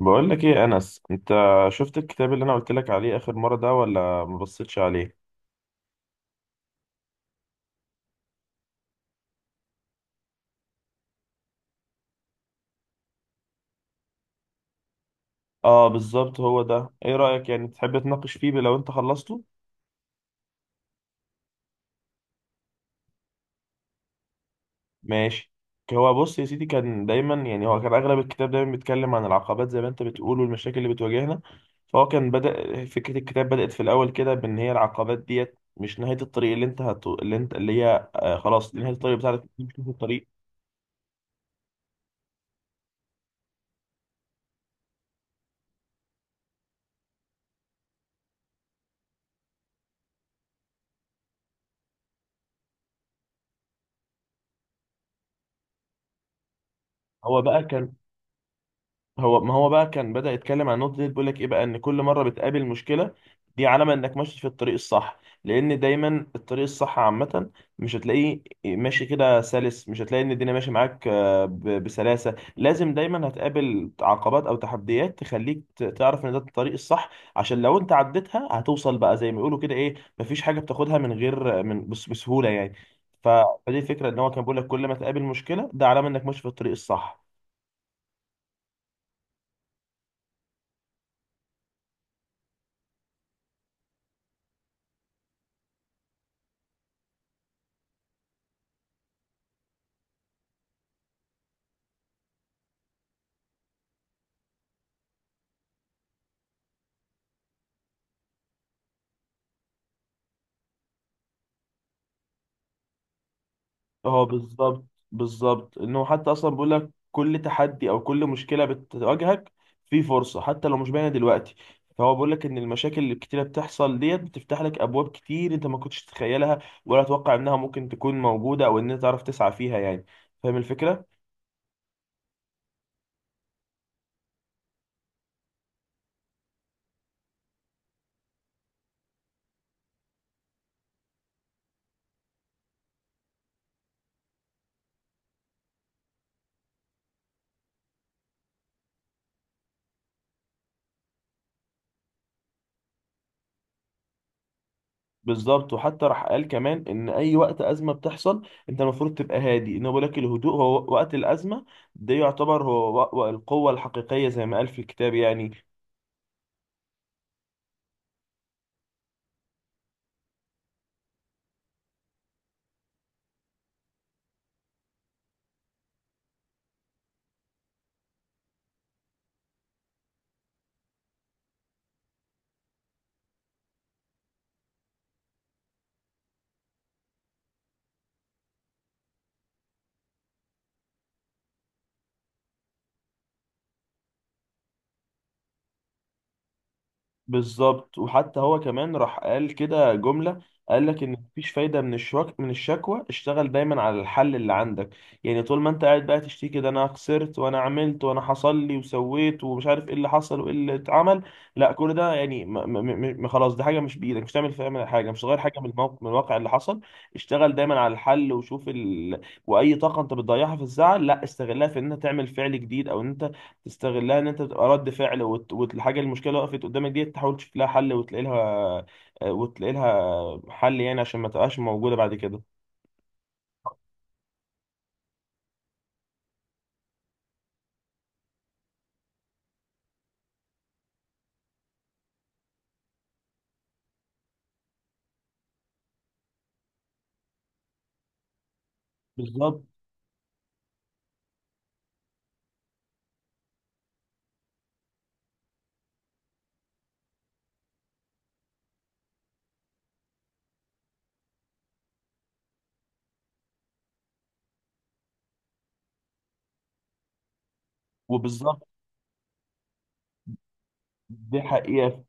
بقول لك ايه يا انس؟ انت شفت الكتاب اللي انا قلت لك عليه اخر مره ده ولا؟ ما بصيتش عليه. اه، بالظبط، هو ده. ايه رايك؟ يعني تحب تناقش فيه لو انت خلصته؟ ماشي. هو بص يا سيدي، كان دايما، يعني هو كان اغلب الكتاب دايما بيتكلم عن العقبات، زي ما انت بتقول، والمشاكل اللي بتواجهنا. فهو كان بدأ فكره الكتاب، بدأت في الاول كده بان هي العقبات ديت مش نهايه الطريق. اللي انت هت... اللي انت اللي هي خلاص دي نهايه الطريق بتاعتك، مش نهايه الطريق. هو بقى كان هو ما هو بقى كان بدأ يتكلم عن النقطة دي. بيقول لك ايه بقى؟ ان كل مرة بتقابل مشكلة، دي علامة انك ماشي في الطريق الصح. لان دايما الطريق الصح عامة مش هتلاقيه ماشي كده سلس، مش هتلاقي ان الدنيا ماشية معاك بسلاسة. لازم دايما هتقابل عقبات او تحديات تخليك تعرف ان ده الطريق الصح. عشان لو انت عديتها هتوصل بقى، زي ما بيقولوا كده، ايه، مفيش حاجة بتاخدها من غير بسهولة يعني. ف- فدي الفكرة، ان هو كان بيقول لك كل ما تقابل مشكلة ده علامة انك ماشي في الطريق الصح. اه، بالظبط. بالظبط، انه حتى اصلا بيقول لك كل تحدي او كل مشكله بتواجهك في فرصه حتى لو مش باينه دلوقتي. فهو بيقول لك ان المشاكل اللي كتيره بتحصل ديت بتفتح لك ابواب كتير انت ما كنتش تتخيلها، ولا تتوقع انها ممكن تكون موجوده، او ان انت تعرف تسعى فيها يعني. فاهم الفكره؟ بالظبط. وحتى راح قال كمان ان اي وقت ازمه بتحصل انت المفروض تبقى هادي. انه بيقول لك الهدوء هو وقت الازمه، ده يعتبر هو القوه الحقيقيه، زي ما قال في الكتاب يعني. بالظبط. وحتى هو كمان راح قال كده جملة، قال لك ان مفيش فايدة من الشكوى، اشتغل دايما على الحل اللي عندك. يعني طول ما انت قاعد بقى تشتكي، ده انا خسرت وانا عملت وانا حصل لي وسويت ومش عارف ايه اللي حصل وايه اللي اتعمل، لا. كل ده، يعني م م م خلاص، دي حاجة مش بإيدك، مش تعمل فيها حاجة، مش تغير حاجة من الموقف من الواقع اللي حصل. اشتغل دايما على الحل، واي طاقة انت بتضيعها في الزعل، لا، استغلها في ان انت تعمل فعل جديد، او ان انت تستغلها ان انت تبقى رد فعل، والحاجه المشكله، وقفت قدامك دي، تحاول تشوف لها حل وتلاقي لها وتلاقي لها حل، يعني عشان ما تبقاش موجوده بعد كده. بالظبط. وبالظبط. دي حقيقه.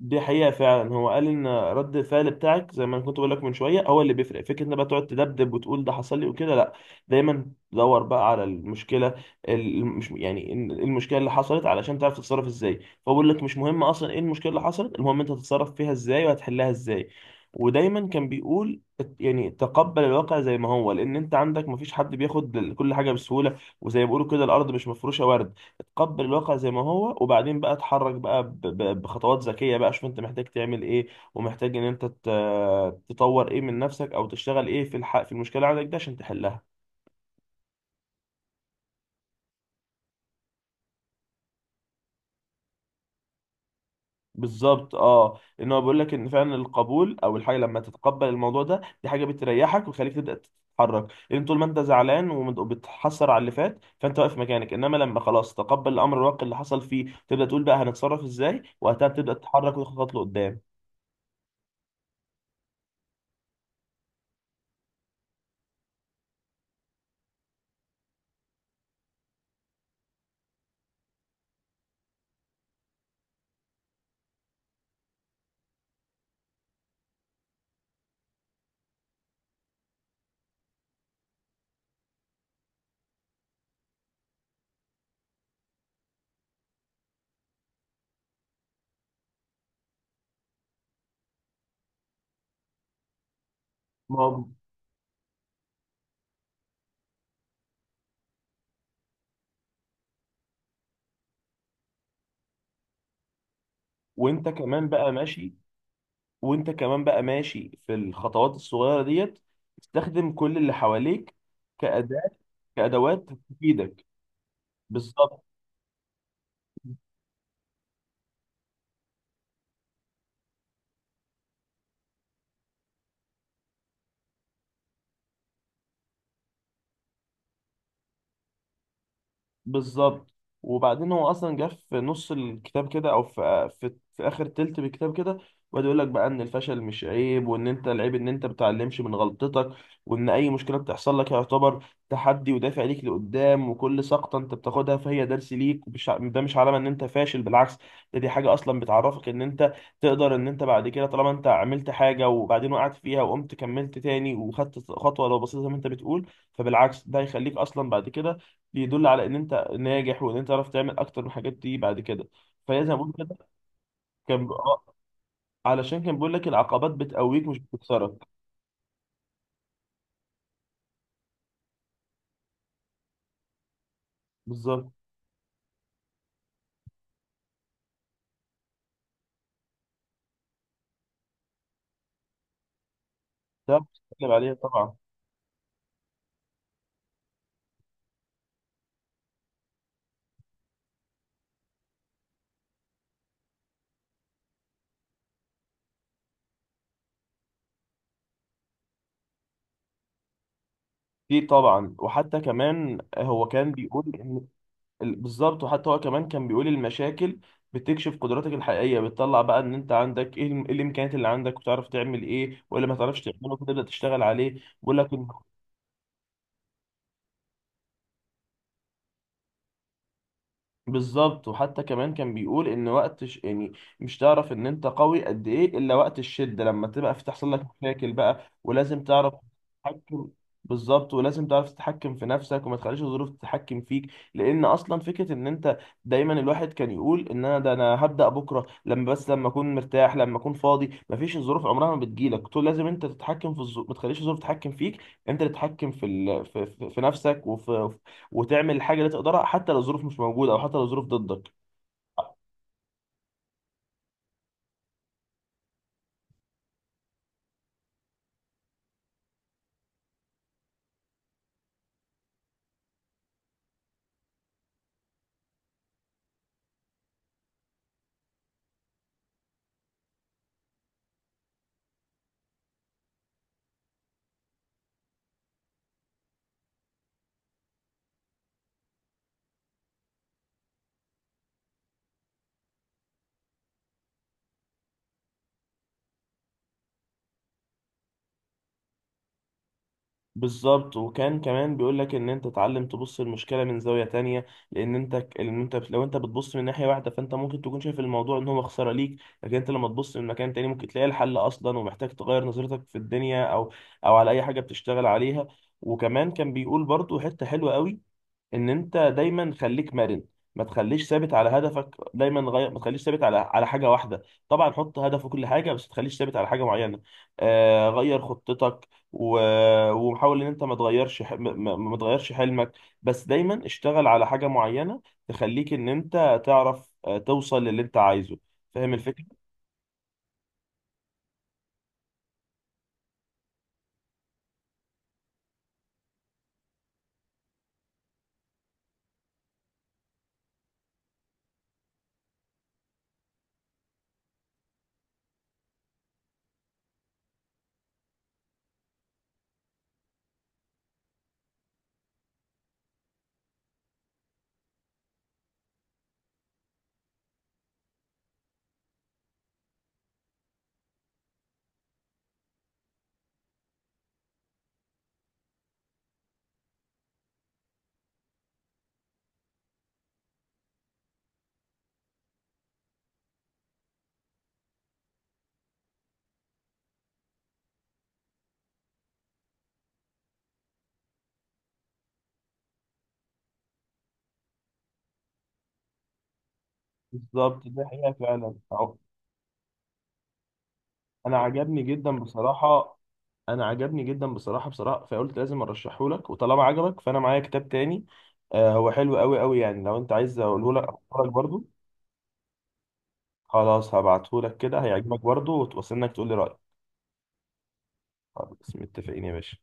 دي حقيقة فعلا. هو قال ان رد الفعل بتاعك، زي ما أنا كنت بقول لك من شوية، هو اللي بيفرق. فكرة ان بقى تقعد تدبدب وتقول ده حصل لي وكده، لا. دايما دور بقى على المشكلة. ال- مش يعني إن- المشكلة اللي حصلت علشان تعرف تتصرف ازاي. فهو بيقول لك مش مهم اصلا ايه المشكلة اللي حصلت، المهم انت هتتصرف فيها ازاي وهتحلها ازاي. ودايما كان بيقول يعني تقبل الواقع زي ما هو، لان انت عندك مفيش حد بياخد كل حاجة بسهولة، وزي ما بيقولوا كده الارض مش مفروشة ورد. اتقبل الواقع زي ما هو، وبعدين بقى اتحرك بقى بخطوات ذكية بقى، شوف انت محتاج تعمل ايه، ومحتاج ان انت تطور ايه من نفسك، او تشتغل ايه في الحق في المشكلة عندك ده عشان تحلها. بالظبط، اه. ان هو بيقول لك ان فعلا القبول، او الحاجه لما تتقبل الموضوع ده، دي حاجه بتريحك وتخليك تبدا تتحرك. لان طول ما انت زعلان وبتحسر على اللي فات، فانت واقف مكانك. انما لما خلاص تقبل الامر الواقع اللي حصل فيه، تبدا تقول بقى هنتصرف ازاي. وقتها بتبدا تتحرك وتاخد خطوه لقدام. ما هو- وانت كمان بقى ماشي. وانت كمان بقى ماشي في الخطوات الصغيره ديت، تستخدم كل اللي حواليك كأداة، كأدوات تفيدك. بالظبط. بالظبط. وبعدين هو اصلا جه في نص الكتاب كده، او في, اخر تلت بالكتاب كده، وقعد يقول لك بقى ان الفشل مش عيب، وان انت العيب ان انت بتتعلمش من غلطتك. وان اي مشكله بتحصل لك يعتبر تحدي ودافع ليك لقدام، وكل سقطه انت بتاخدها فهي درس ليك، ده مش علامه ان انت فاشل، بالعكس. ده دي حاجه اصلا بتعرفك ان انت تقدر. ان انت بعد كده، طالما انت عملت حاجه وبعدين وقعت فيها وقمت كملت تاني وخدت خطوه لو بسيطه زي ما انت بتقول، فبالعكس ده هيخليك اصلا بعد كده. بيدل على ان انت ناجح، وان انت تعرف تعمل اكتر من الحاجات دي بعد كده. فهي زي ما بقول كده، كان ب... آه، علشان كان بيقول لك العقبات بتقويك مش بتكسرك. بالظبط. ده بتتكلم عليها طبعا. دي طبعا. وحتى كمان هو كان بيقول ان بالظبط. وحتى هو كمان كان بيقول المشاكل بتكشف قدراتك الحقيقيه، بتطلع بقى ان انت عندك ايه إيه الامكانيات اللي عندك، وتعرف تعمل ايه ولا ما تعرفش تعمله، فتبدا تشتغل عليه. بيقول لك، بالظبط. وحتى كمان كان بيقول ان يعني مش تعرف ان انت قوي قد ايه الا وقت الشده، لما تبقى في تحصل لك مشاكل بقى ولازم تعرف تتحكم. بالظبط. ولازم تعرف تتحكم في نفسك، وما تخليش الظروف تتحكم فيك. لان اصلا فكره ان انت دايما، الواحد كان يقول ان انا ده انا هبدا بكره لما، بس لما اكون مرتاح، لما اكون فاضي، مفيش، الظروف عمرها ما بتجيلك. طول لازم انت تتحكم في الظروف، ما تخليش الظروف تتحكم فيك. انت اللي تتحكم في ال... في... في في نفسك وفي، وتعمل الحاجه اللي تقدرها حتى لو الظروف مش موجوده، او حتى لو الظروف ضدك. بالظبط. وكان كمان بيقول لك ان انت تتعلم تبص المشكله من زاويه تانية. لان انت لان انت لو انت بتبص من ناحيه واحده فانت ممكن تكون شايف الموضوع ان هو خساره ليك. لكن انت لما تبص من مكان تاني ممكن تلاقي الحل اصلا، ومحتاج تغير نظرتك في الدنيا، او او على اي حاجه بتشتغل عليها. وكمان كان بيقول برضو حته حلوه قوي، ان انت دايما خليك مرن، ما تخليش ثابت على هدفك دايما. غير، ما تخليش ثابت على حاجه واحده. طبعا حط هدف وكل حاجه، بس ما تخليش ثابت على حاجه معينه. آه، غير خطتك وحاول ان انت ما تغيرش ح... ما... ما ما تغيرش حلمك. بس دايما اشتغل على حاجه معينه تخليك ان انت تعرف توصل للي انت عايزه. فاهم الفكره؟ بالظبط، ده حقيقه فعلا. انا عجبني جدا بصراحه. بصراحه، فقلت لازم ارشحه لك. وطالما عجبك، فانا معايا كتاب تاني. آه هو حلو قوي قوي يعني، لو انت عايز اقوله لك أقوله لك برضو. خلاص، هبعته لك كده هيعجبك برضو، وتوصل انك تقول لي رايك. خلاص، متفقين يا باشا.